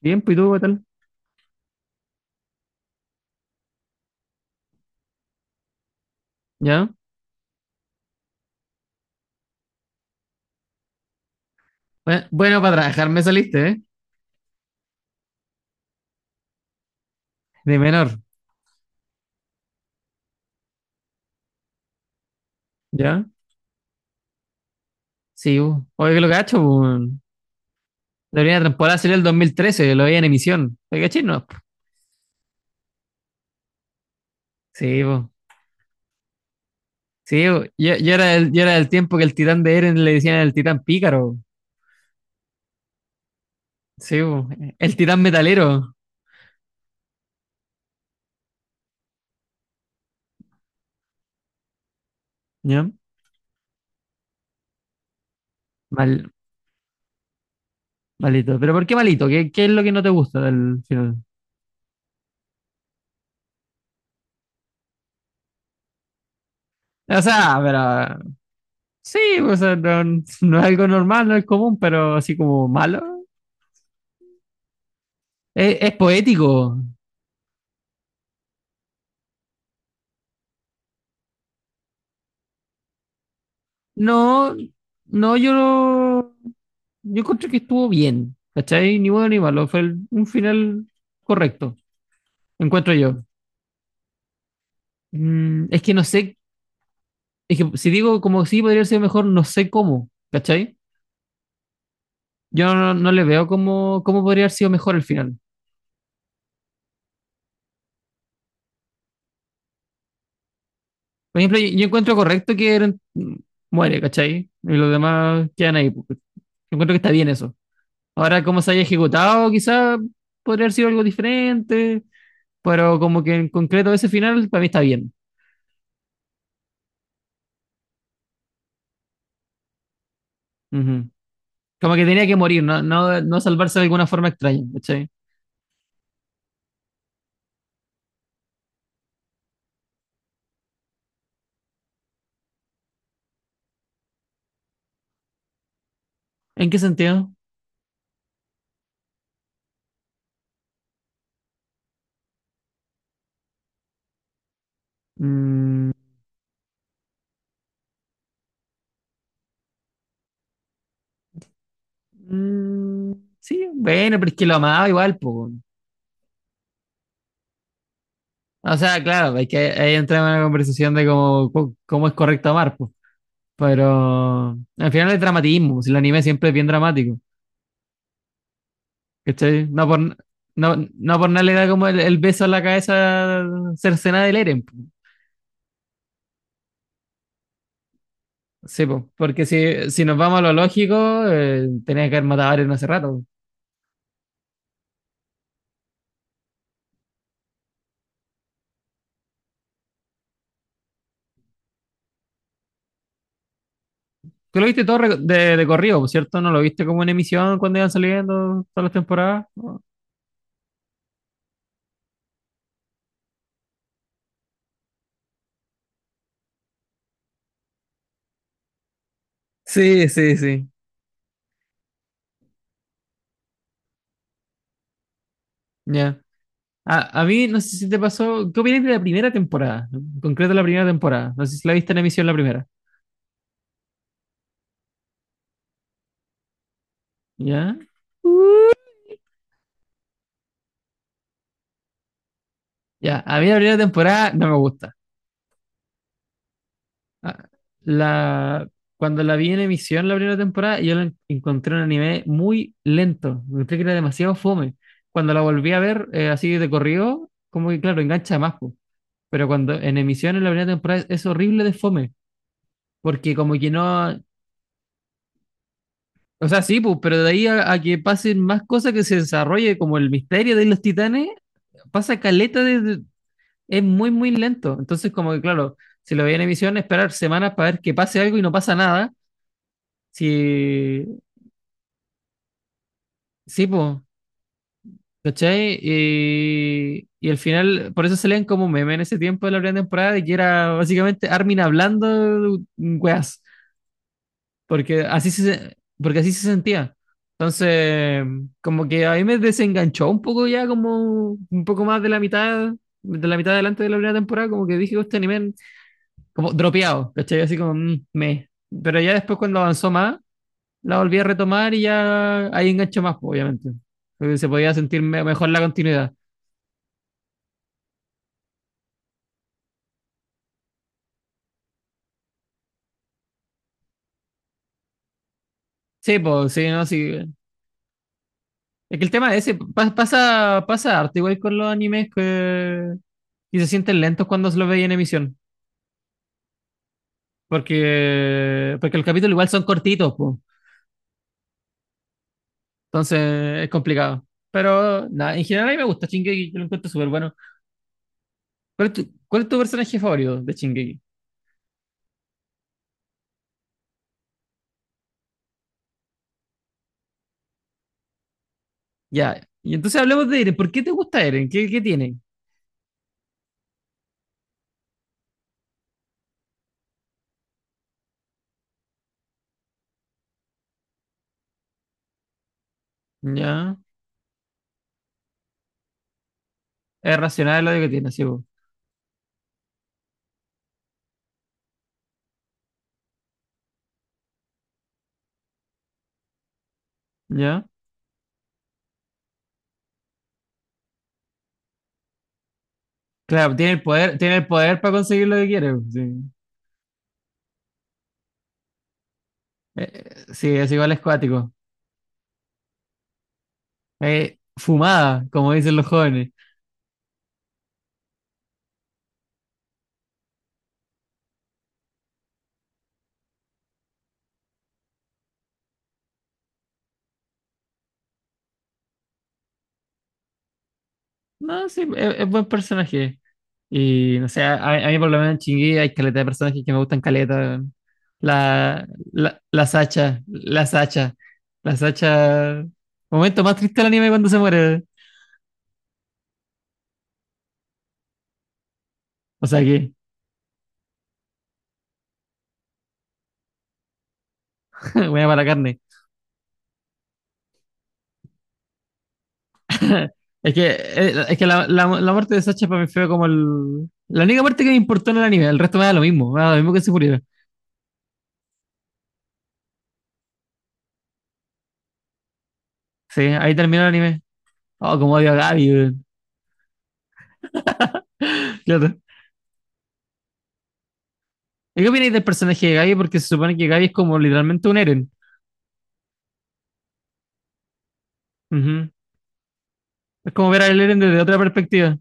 Bien, pues ¿y tú qué tal? ¿Ya? Bueno, bueno, para trabajar me saliste, ¿eh? De menor, ¿ya? Sí, bu. Oye, que lo cacho, bu. La primera temporada salió el 2013, lo veía en emisión. ¿Te caché? No. Sí, bu. Sí, bu. Yo era del tiempo que el titán de Eren le decían el titán pícaro. Bu. Sí, bu. El titán metalero. ¿Ya? Mal, malito. ¿Pero por qué malito? ¿Qué es lo que no te gusta del final? O sea, pero... Sí, o sea, no, no es algo normal, no es común, pero así como malo. Es poético. No, no, yo, yo encontré que estuvo bien, ¿cachai? Ni bueno ni malo, fue un final correcto, encuentro yo. Mm, es que no sé, es que si digo como sí podría haber sido mejor, no sé cómo, ¿cachai? Yo no le veo cómo, cómo podría haber sido mejor el final. Por ejemplo, yo encuentro correcto que Eren muere, ¿cachai? Y los demás quedan ahí, pues. Yo encuentro que está bien eso. Ahora, cómo se haya ejecutado, quizá podría haber sido algo diferente. Pero como que en concreto ese final para mí está bien. Ujú. Como que tenía que morir, no, no, no salvarse de alguna forma extraña, ¿cachai? ¿En qué sentido? Mm, mm, sí, bueno, pero es que lo amaba igual, pues. O sea, claro, hay que ahí entra en una conversación de cómo, cómo es correcto amar, pues. Pero al final es dramatismo, si el anime siempre es bien dramático, ¿cachai? No, no por nada le da como el beso en la cabeza cercenada del Eren. Sí, po, porque si, si nos vamos a lo lógico, tenía que haber matado a Arya hace rato. Tú lo viste todo de corrido, po, ¿cierto? ¿No lo viste como en emisión cuando iban saliendo todas las temporadas? No. Sí, sí, sí. Ya. A mí, no sé si te pasó, ¿qué opinas de la primera temporada? En concreto la primera temporada. No sé si la viste en emisión la primera. ¿Ya? Ya, a mí la primera temporada no me gusta. Ah, la, cuando la vi en emisión la primera temporada, yo la encontré un anime muy lento. Encontré que era demasiado fome. Cuando la volví a ver así de corrido, como que claro, engancha más, po. Pero cuando en emisión en la primera temporada es horrible de fome. Porque como que no. O sea, sí, pues, pero de ahí a que pasen más cosas que se desarrolle, como el misterio de los titanes, pasa caleta es muy, muy lento. Entonces, como que claro, si lo veía en emisión, esperar semanas para ver que pase algo y no pasa nada. Si Sí, pues, ¿cachai? Y al final, por eso se leen como meme en ese tiempo de la primera temporada, de que era básicamente Armin hablando weas, porque así se sentía. Entonces, como que a mí me desenganchó un poco ya, como un poco más de la mitad adelante de la primera temporada, como que dije, este anime, como dropeado, ¿cachai? Así como, mm, me. Pero ya después cuando avanzó más, la volví a retomar y ya ahí enganchó más, po, obviamente. Porque se podía sentir mejor la continuidad. Sí, pues, sí, no, sí. Es que el tema es ese pasa, pasa harto igual con los animes que, y se sienten lentos cuando se los veis en emisión. Porque, porque los capítulos igual son cortitos, pues. Entonces es complicado. Pero nada, en general a mí me gusta Shingeki, yo lo encuentro súper bueno. Cuál es tu personaje favorito de Shingeki? Ya. Y entonces hablemos de Eren. ¿Por qué te gusta Eren? ¿Qué, qué tiene? Ya. Es racional lo que tiene, sí, po. Ya. Claro, tiene el poder para conseguir lo que quiere, po, sí. Eh, sí, es igual es cuático. Fumada, como dicen los jóvenes. No, sí, es buen personaje. Y no sé, a mí por lo menos en Chingui hay caleta de personajes que me gustan caleta, weón. La, la, la Sacha, la Sacha, la Sacha. Momento más triste del anime cuando se muere. O sea que, buena para la carne. Es que la muerte de Sacha para mí fue como el, la única muerte que me importó en el anime. El resto me da lo mismo, me da lo mismo que se muriera. Sí, ahí terminó el anime. Oh, como odio a Gaby, weón. Claro. ¿Y qué opináis del personaje de Gaby? Porque se supone que Gaby es como literalmente un Eren. Ujú. Es como ver al Eren desde otra perspectiva.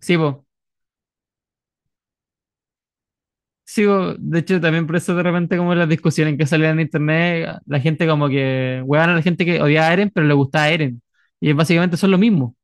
Sí, po. Sí, po. De hecho, también por eso de repente como las discusiones que salían en internet, la gente como que huevan a la gente que odiaba a Eren, pero le gustaba a Eren. Y básicamente son lo mismo,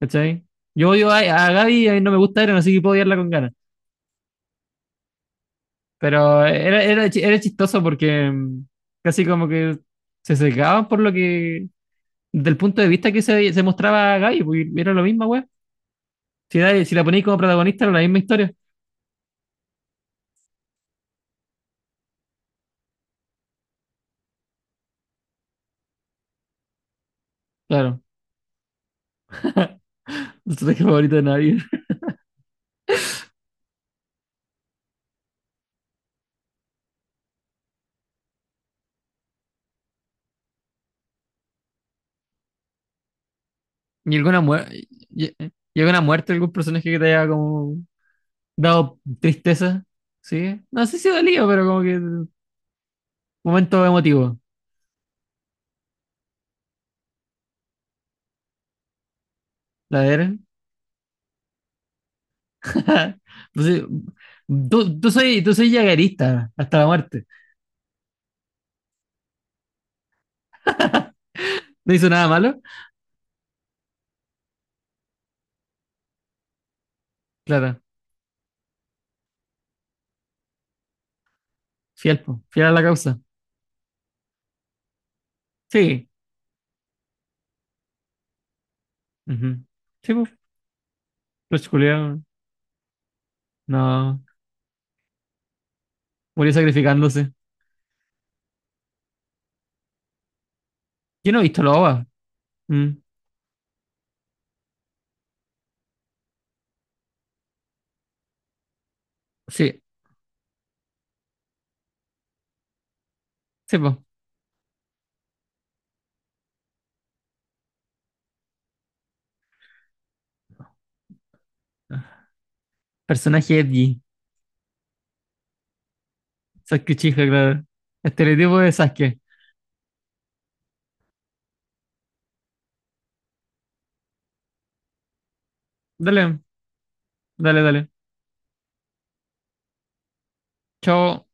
¿cachai? Yo odio a Gaby y a mí no me gusta Eren, así que puedo odiarla con ganas. Pero era chistoso porque casi como que se secaban por lo que, del punto de vista que se mostraba a Gaby, porque era lo mismo, weón. Si, si la ponéis como protagonista, era la misma historia. Claro. No personaje favorito de nadie. ¿Y alguna, y alguna muerte de algún personaje que te haya como dado tristeza? ¿Sí? No sé si dolido, pero como que momento emotivo. La de Eren. No, tú, tú soy yaguerista hasta la muerte. ¿No hizo nada malo? Claro. Fiel, po, fiel a la causa. Sí. Ujú. Sí, pues. Los culiados. No. Murió sacrificándose. Yo no he visto la OVA. Mm. Sí. Sí, pues. Personaje Edgy. Sasuke Uchiha, claro. Estereotipo de Sasuke. Dale, dale, dale. Chao.